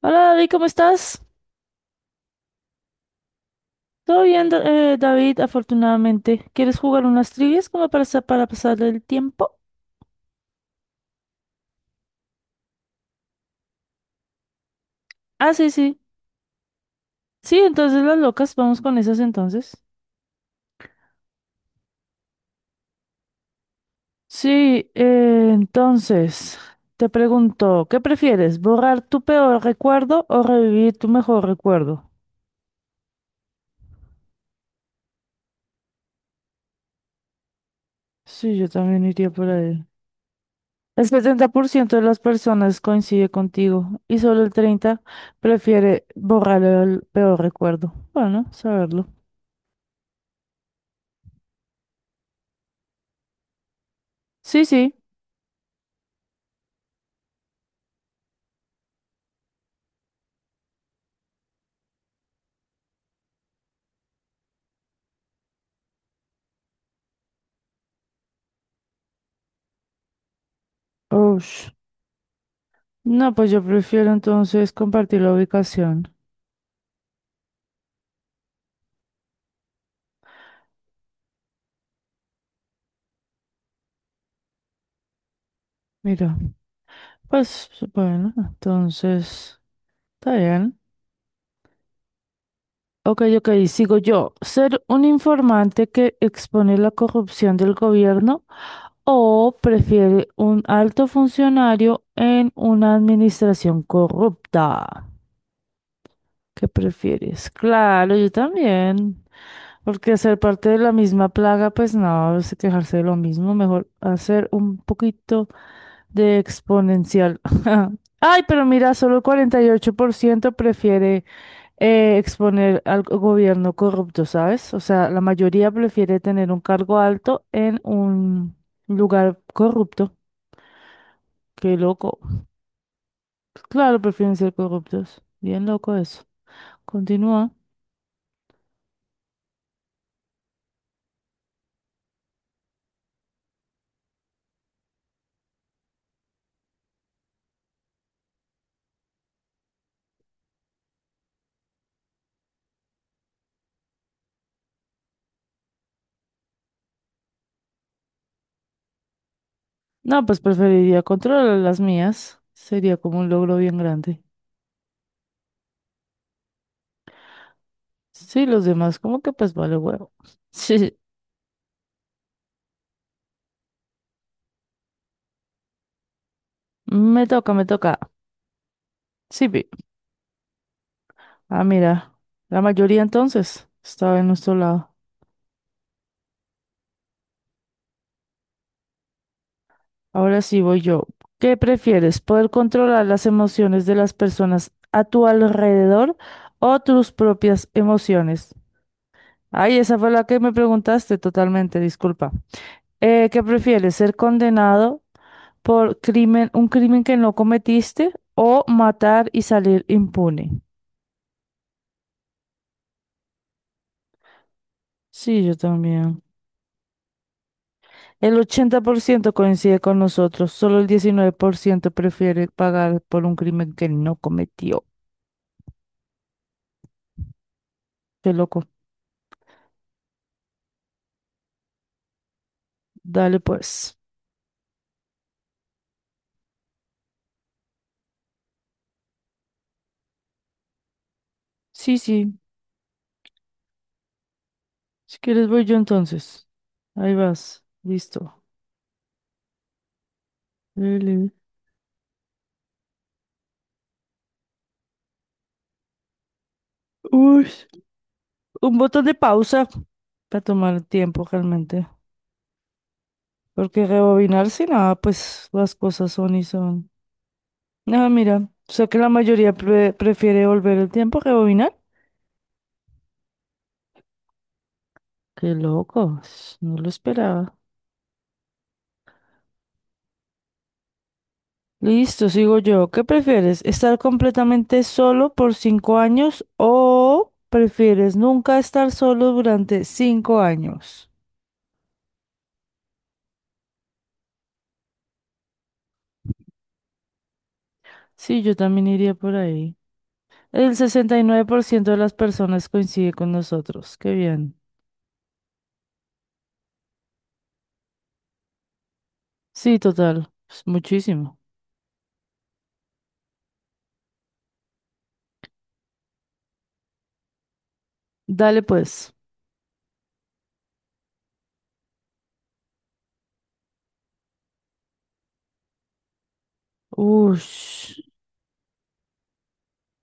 Hola David, ¿cómo estás? Todo bien, David, afortunadamente. ¿Quieres jugar unas trivias como para, para pasar el tiempo? Ah, sí, sí. Sí, entonces las locas, vamos con esas entonces. Sí, entonces, te pregunto, ¿qué prefieres? ¿Borrar tu peor recuerdo o revivir tu mejor recuerdo? Sí, yo también iría por ahí. El 70% de las personas coincide contigo y solo el 30% prefiere borrar el peor recuerdo. Bueno, saberlo. Sí, sí. Ush. No, pues yo prefiero entonces compartir la ubicación. Mira, pues bueno, entonces está bien. Ok, ok, sigo yo. ¿Ser un informante que expone la corrupción del gobierno o prefiere un alto funcionario en una administración corrupta? ¿Qué prefieres? Claro, yo también. Porque ser parte de la misma plaga, pues no, es quejarse de lo mismo, mejor hacer un poquito de exponencial. Ay, pero mira, solo el 48% prefiere exponer al gobierno corrupto, ¿sabes? O sea, la mayoría prefiere tener un cargo alto en un lugar corrupto. Qué loco. Claro, prefieren ser corruptos. Bien loco eso. Continúa. No, pues preferiría controlar las mías. Sería como un logro bien grande. Sí, los demás, como que pues vale huevo. Sí, me toca, me toca. Sí, ah, mira, la mayoría entonces estaba en nuestro lado. Ahora sí voy yo. ¿Qué prefieres? ¿Poder controlar las emociones de las personas a tu alrededor o tus propias emociones? Ay, esa fue la que me preguntaste totalmente, disculpa. ¿Qué prefieres? ¿Ser condenado por un crimen que no cometiste o matar y salir impune? Sí, yo también. El 80% coincide con nosotros, solo el 19% prefiere pagar por un crimen que no cometió. Qué loco. Dale pues. Sí, sí. Si quieres voy yo entonces. Ahí vas. Listo. Dale. Uy, un botón de pausa para tomar tiempo realmente. Porque rebobinar si nada, pues las cosas son y son. Ah, mira. O sea que la mayoría prefiere volver el tiempo a rebobinar. Qué loco. No lo esperaba. Listo, sigo yo. ¿Qué prefieres? ¿Estar completamente solo por 5 años o prefieres nunca estar solo durante 5 años? Sí, yo también iría por ahí. El 69% de las personas coincide con nosotros. Qué bien. Sí, total. Pues muchísimo. Dale pues. Ush.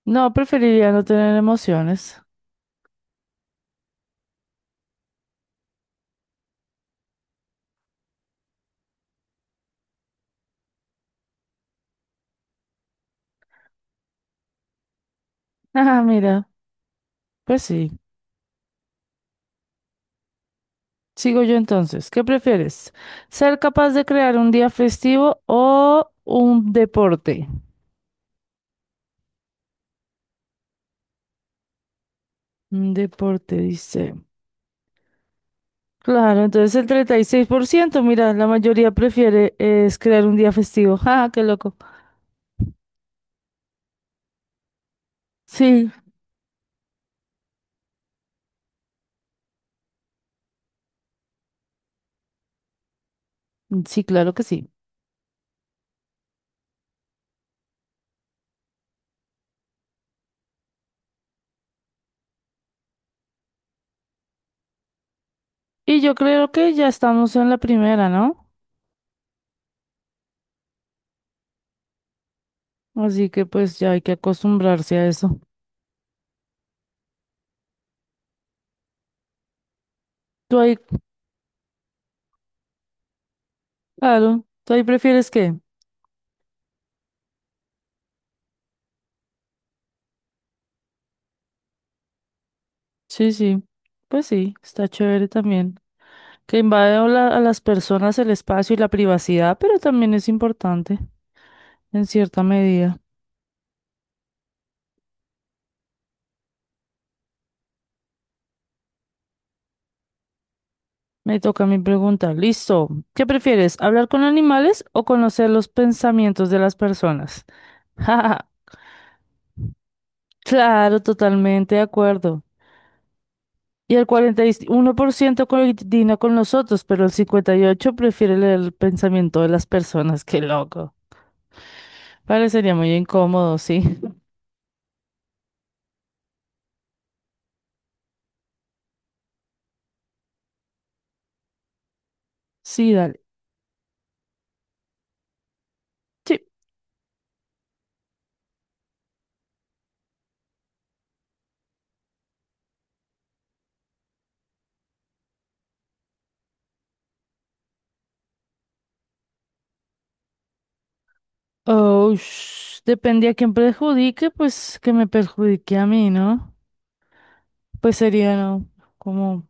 No, preferiría no tener emociones. Ah, mira. Pues sí. Sigo yo entonces. ¿Qué prefieres? ¿Ser capaz de crear un día festivo o un deporte? Un deporte, dice. Claro, entonces el 36%, mira, la mayoría prefiere es crear un día festivo. ¡Ja, qué loco! Sí, sí, claro que sí. Y yo creo que ya estamos en la primera, ¿no? Así que pues ya hay que acostumbrarse a eso. ¿Tú ahí, claro, tú ahí prefieres qué? Sí, sí. Pues sí, está chévere también. Que invade a las personas el espacio y la privacidad, pero también es importante en cierta medida. Me toca a mí preguntar, listo, ¿qué prefieres, hablar con animales o conocer los pensamientos de las personas? Jaja, claro, totalmente de acuerdo. Y el 41% coincide con nosotros, pero el 58% prefiere leer el pensamiento de las personas. Qué loco. Parecería muy incómodo, sí. Sí, dale. Sí. Oh, depende a quién perjudique, pues que me perjudique a mí, ¿no? Pues sería, ¿no? ¿Cómo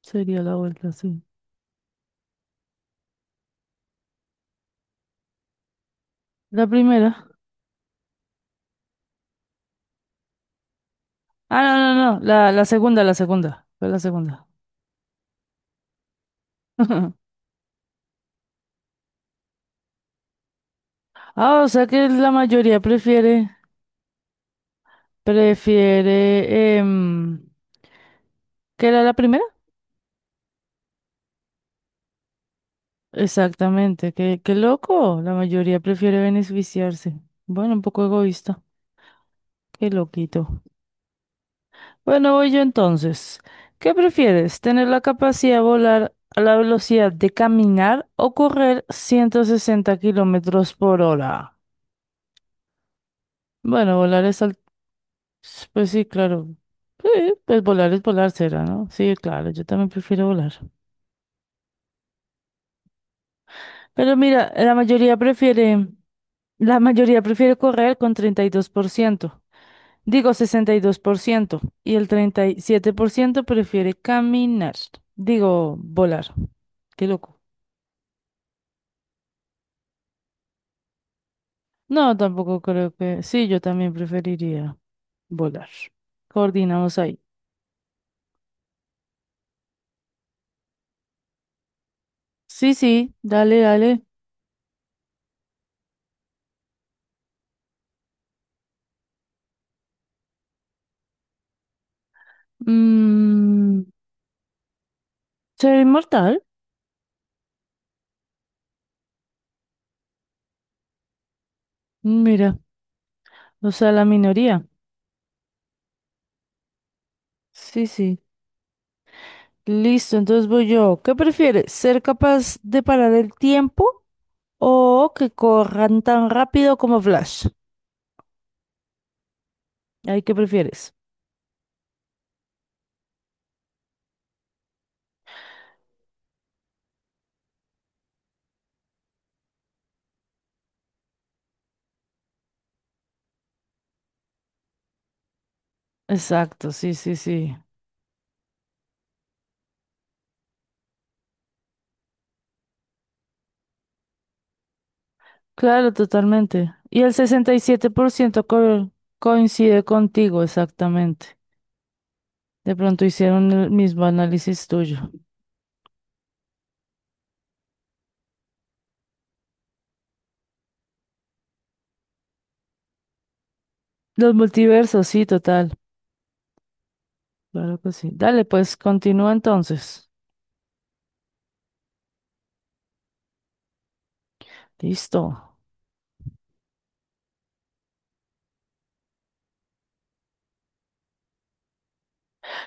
sería la vuelta? Sí. La primera. Ah, no, no, no. La segunda, la segunda. Fue la segunda. Ah, o sea que la mayoría prefiere, ¿qué era la primera? Exactamente. Qué loco. La mayoría prefiere beneficiarse. Bueno, un poco egoísta. Qué loquito. Bueno, voy yo entonces. ¿Qué prefieres? ¿Tener la capacidad de volar a la velocidad de caminar o correr 160 kilómetros por hora? Bueno, volar es al. Pues sí, claro. Sí, pues volar es volar será, ¿no? Sí, claro, yo también prefiero volar. Pero mira, la mayoría prefiere correr con 32%. Digo 62%. Y 2%. Y el 37% prefiere caminar. Digo, volar. Qué loco. No, tampoco creo que. Sí, yo también preferiría volar. Coordinamos ahí. Sí, sí, dale, dale. Mm, ser inmortal. Mira, o sea, la minoría. Sí, sí. Listo, entonces voy yo. ¿Qué prefieres? ¿Ser capaz de parar el tiempo o que corran tan rápido como Flash? Ahí, ¿qué prefieres? Exacto, sí, sí, sí. Claro, totalmente. Y el 67% coincide contigo, exactamente. De pronto hicieron el mismo análisis tuyo. Los multiversos, sí, total. Claro que sí. Dale, pues continúa entonces. Listo.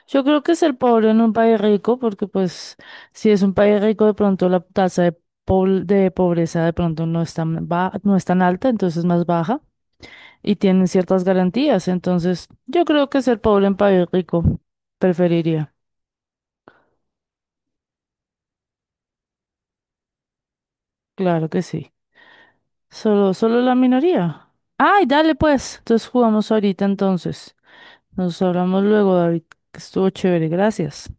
Yo creo que ser pobre en un país rico, porque pues si es un país rico, de pronto la tasa de pobreza de pronto no es tan no es tan alta, entonces es más baja y tienen ciertas garantías. Entonces, yo creo que ser pobre en país rico preferiría. Claro que sí. Solo la minoría. Ay, dale pues. Entonces jugamos ahorita entonces. Nos hablamos luego, David, que estuvo chévere, gracias.